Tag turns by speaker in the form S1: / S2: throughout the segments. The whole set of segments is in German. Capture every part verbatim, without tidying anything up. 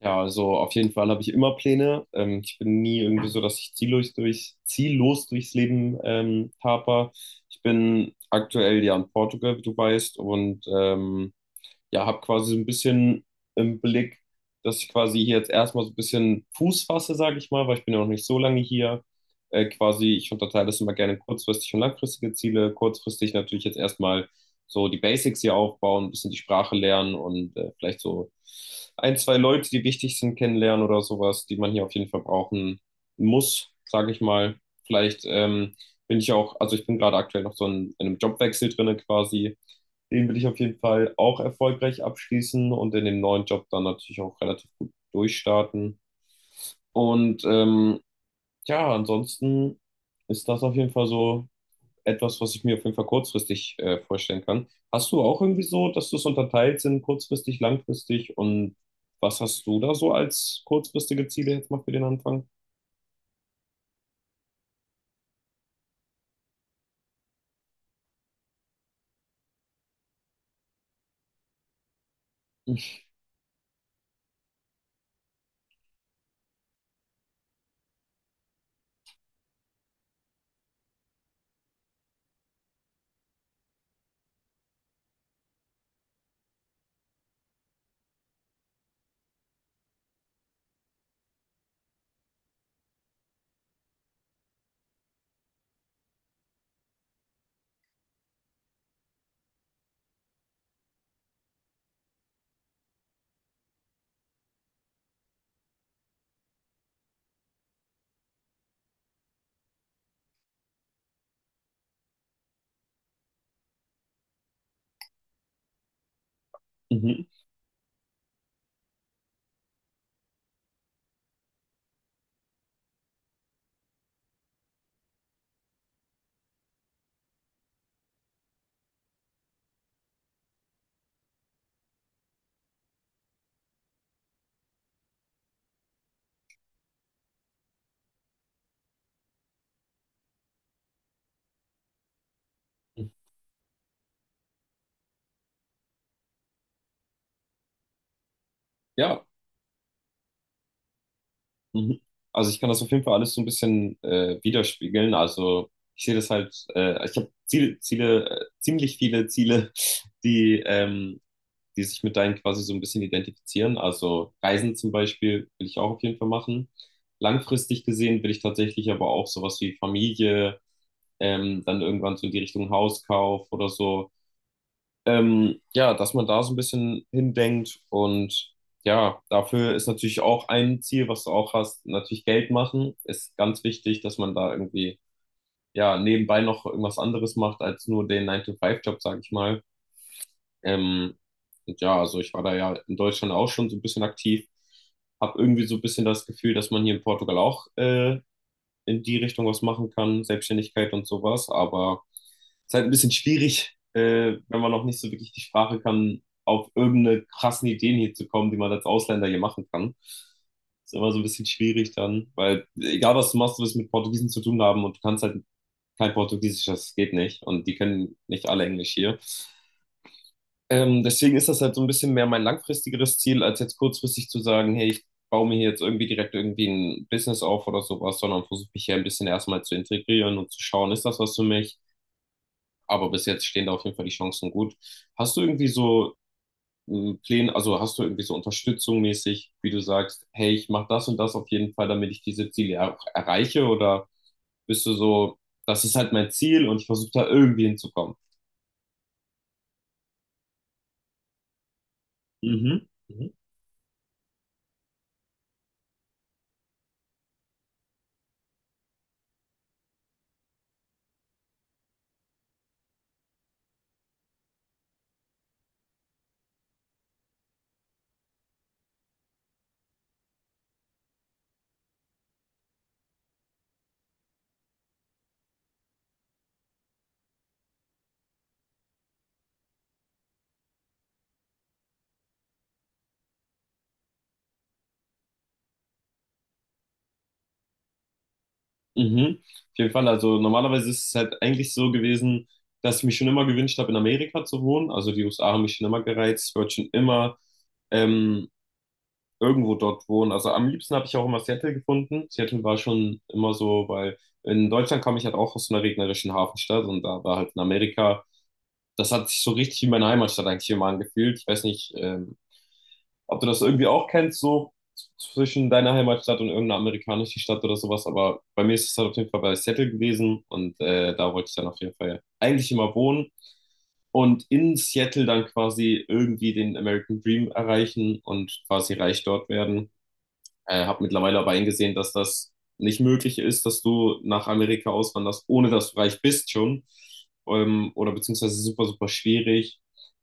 S1: Ja, also auf jeden Fall habe ich immer Pläne. Ähm, ich bin nie irgendwie so, dass ich ziellos, durch, ziellos durchs Leben ähm, taper. Ich bin aktuell ja in Portugal, wie du weißt, und ähm, ja, habe quasi so ein bisschen im Blick, dass ich quasi hier jetzt erstmal so ein bisschen Fuß fasse, sage ich mal, weil ich bin ja noch nicht so lange hier. Äh, quasi, ich unterteile das immer gerne in kurzfristig und langfristige Ziele. Kurzfristig natürlich jetzt erstmal so die Basics hier aufbauen, ein bisschen die Sprache lernen und äh, vielleicht so ein, zwei Leute, die wichtig sind, kennenlernen oder sowas, die man hier auf jeden Fall brauchen muss, sage ich mal. Vielleicht ähm, bin ich auch, also ich bin gerade aktuell noch so in, in einem Jobwechsel drinne quasi, den will ich auf jeden Fall auch erfolgreich abschließen und in dem neuen Job dann natürlich auch relativ gut durchstarten. Und ähm, ja, ansonsten ist das auf jeden Fall so etwas, was ich mir auf jeden Fall kurzfristig äh, vorstellen kann. Hast du auch irgendwie so, dass du es unterteilt sind, kurzfristig, langfristig und was hast du da so als kurzfristige Ziele jetzt mal für den Anfang? Mhm. Ja. Mhm. Also ich kann das auf jeden Fall alles so ein bisschen äh, widerspiegeln. Also ich sehe das halt, äh, ich habe Ziele, Ziele, äh, ziemlich viele Ziele, die, ähm, die sich mit deinen quasi so ein bisschen identifizieren. Also Reisen zum Beispiel will ich auch auf jeden Fall machen. Langfristig gesehen will ich tatsächlich aber auch sowas wie Familie, ähm, dann irgendwann so in die Richtung Hauskauf oder so, ähm, ja, dass man da so ein bisschen hindenkt und ja, dafür ist natürlich auch ein Ziel, was du auch hast, natürlich Geld machen, ist ganz wichtig, dass man da irgendwie ja nebenbei noch irgendwas anderes macht als nur den Nine to Five job, sage ich mal. Ähm, und ja, also ich war da ja in Deutschland auch schon so ein bisschen aktiv, habe irgendwie so ein bisschen das Gefühl, dass man hier in Portugal auch äh, in die Richtung was machen kann, Selbstständigkeit und sowas. Aber es ist halt ein bisschen schwierig, äh, wenn man noch nicht so wirklich die Sprache kann, auf irgendeine krassen Ideen hier zu kommen, die man als Ausländer hier machen kann. Ist immer so ein bisschen schwierig dann, weil egal was du machst, du wirst mit Portugiesen zu tun haben und du kannst halt kein Portugiesisch, das geht nicht. Und die können nicht alle Englisch hier. Ähm, deswegen ist das halt so ein bisschen mehr mein langfristigeres Ziel, als jetzt kurzfristig zu sagen, hey, ich baue mir hier jetzt irgendwie direkt irgendwie ein Business auf oder sowas, sondern versuche mich hier ein bisschen erstmal zu integrieren und zu schauen, ist das was für mich? Aber bis jetzt stehen da auf jeden Fall die Chancen gut. Hast du irgendwie so ähm, Pläne, also hast du irgendwie so Unterstützung mäßig, wie du sagst, hey, ich mache das und das auf jeden Fall, damit ich diese Ziele auch erreiche? Oder bist du so, das ist halt mein Ziel und ich versuche da irgendwie hinzukommen? Mhm. Mhm. Mhm. Auf jeden Fall. Also normalerweise ist es halt eigentlich so gewesen, dass ich mich schon immer gewünscht habe, in Amerika zu wohnen. Also die U S A haben mich schon immer gereizt. Ich wollte schon immer ähm, irgendwo dort wohnen. Also am liebsten habe ich auch immer Seattle gefunden. Seattle war schon immer so, weil in Deutschland kam ich halt auch aus so einer regnerischen Hafenstadt und da war halt in Amerika, das hat sich so richtig wie meine Heimatstadt eigentlich immer angefühlt. Ich weiß nicht, ähm, ob du das irgendwie auch kennst, so zwischen deiner Heimatstadt und irgendeiner amerikanischen Stadt oder sowas. Aber bei mir ist es halt auf jeden Fall bei Seattle gewesen und äh, da wollte ich dann auf jeden Fall eigentlich immer wohnen und in Seattle dann quasi irgendwie den American Dream erreichen und quasi reich dort werden. Äh, habe mittlerweile aber eingesehen, dass das nicht möglich ist, dass du nach Amerika auswanderst, ohne dass du reich bist schon. Ähm, oder beziehungsweise super, super schwierig.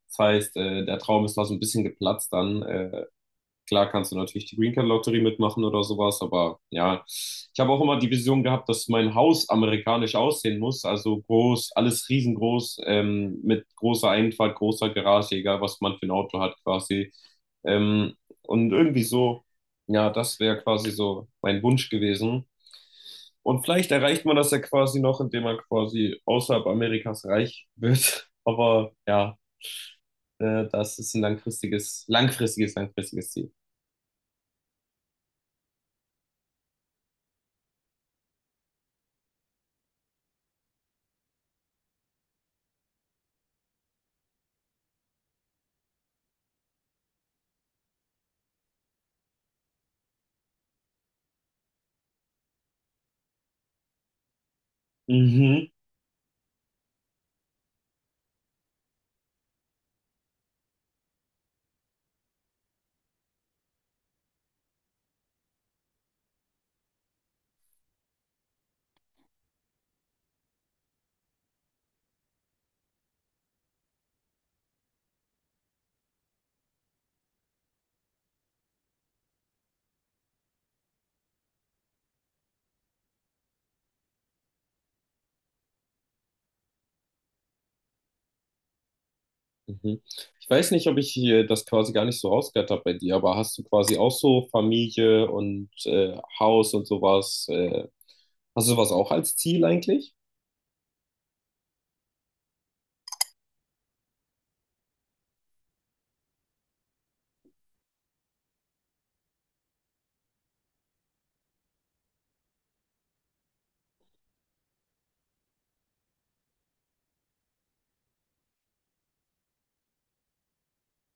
S1: Das heißt, äh, der Traum ist da so ein bisschen geplatzt dann. Äh, Klar kannst du natürlich die Green Card Lotterie mitmachen oder sowas, aber ja, ich habe auch immer die Vision gehabt, dass mein Haus amerikanisch aussehen muss, also groß, alles riesengroß, ähm, mit großer Einfahrt, großer Garage, egal was man für ein Auto hat quasi. Ähm, und irgendwie so, ja, das wäre quasi so mein Wunsch gewesen. Und vielleicht erreicht man das ja quasi noch, indem man quasi außerhalb Amerikas reich wird. Aber ja, äh, das ist ein langfristiges, langfristiges, langfristiges Ziel. Mhm. Mhm. Ich weiß nicht, ob ich hier das quasi gar nicht so rausgehört habe bei dir, aber hast du quasi auch so Familie und äh, Haus und sowas? Äh, hast du sowas auch als Ziel eigentlich?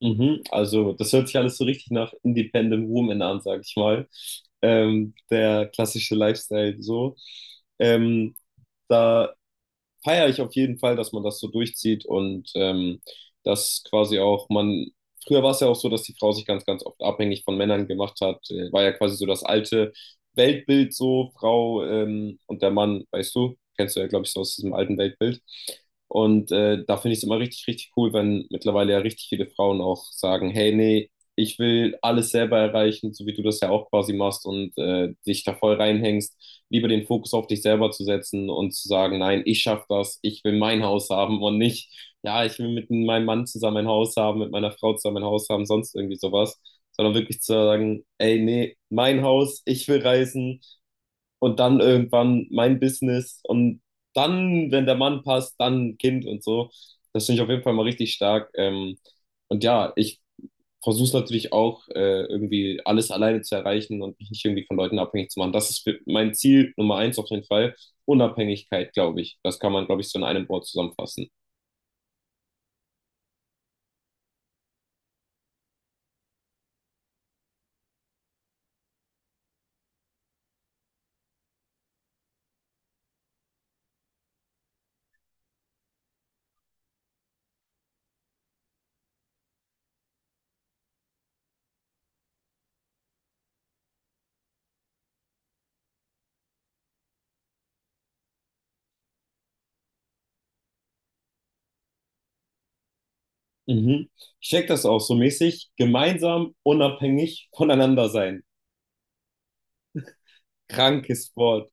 S1: Mhm. Also, das hört sich alles so richtig nach Independent Woman an, sag ich mal. Ähm, der klassische Lifestyle so. Ähm, Da feiere ich auf jeden Fall, dass man das so durchzieht und ähm, dass quasi auch man, früher war es ja auch so, dass die Frau sich ganz, ganz oft abhängig von Männern gemacht hat, äh, war ja quasi so das alte Weltbild so, Frau ähm, und der Mann, weißt du, kennst du ja, glaube ich, so aus diesem alten Weltbild. Und äh, da finde ich es immer richtig, richtig cool, wenn mittlerweile ja richtig viele Frauen auch sagen, hey, nee, ich will alles selber erreichen, so wie du das ja auch quasi machst und äh, dich da voll reinhängst, lieber den Fokus auf dich selber zu setzen und zu sagen, nein, ich schaffe das, ich will mein Haus haben und nicht, ja, ich will mit meinem Mann zusammen ein Haus haben, mit meiner Frau zusammen ein Haus haben, sonst irgendwie sowas, sondern wirklich zu sagen, ey, nee, mein Haus, ich will reisen und dann irgendwann mein Business und dann, wenn der Mann passt, dann ein Kind und so. Das finde ich auf jeden Fall mal richtig stark. Ähm, und ja, ich versuche natürlich auch, äh, irgendwie alles alleine zu erreichen und mich nicht irgendwie von Leuten abhängig zu machen. Das ist für mein Ziel Nummer eins auf jeden Fall. Unabhängigkeit, glaube ich. Das kann man, glaube ich, so in einem Wort zusammenfassen. Mhm. Ich check das auch so mäßig. Gemeinsam, unabhängig voneinander sein. Krankes Wort.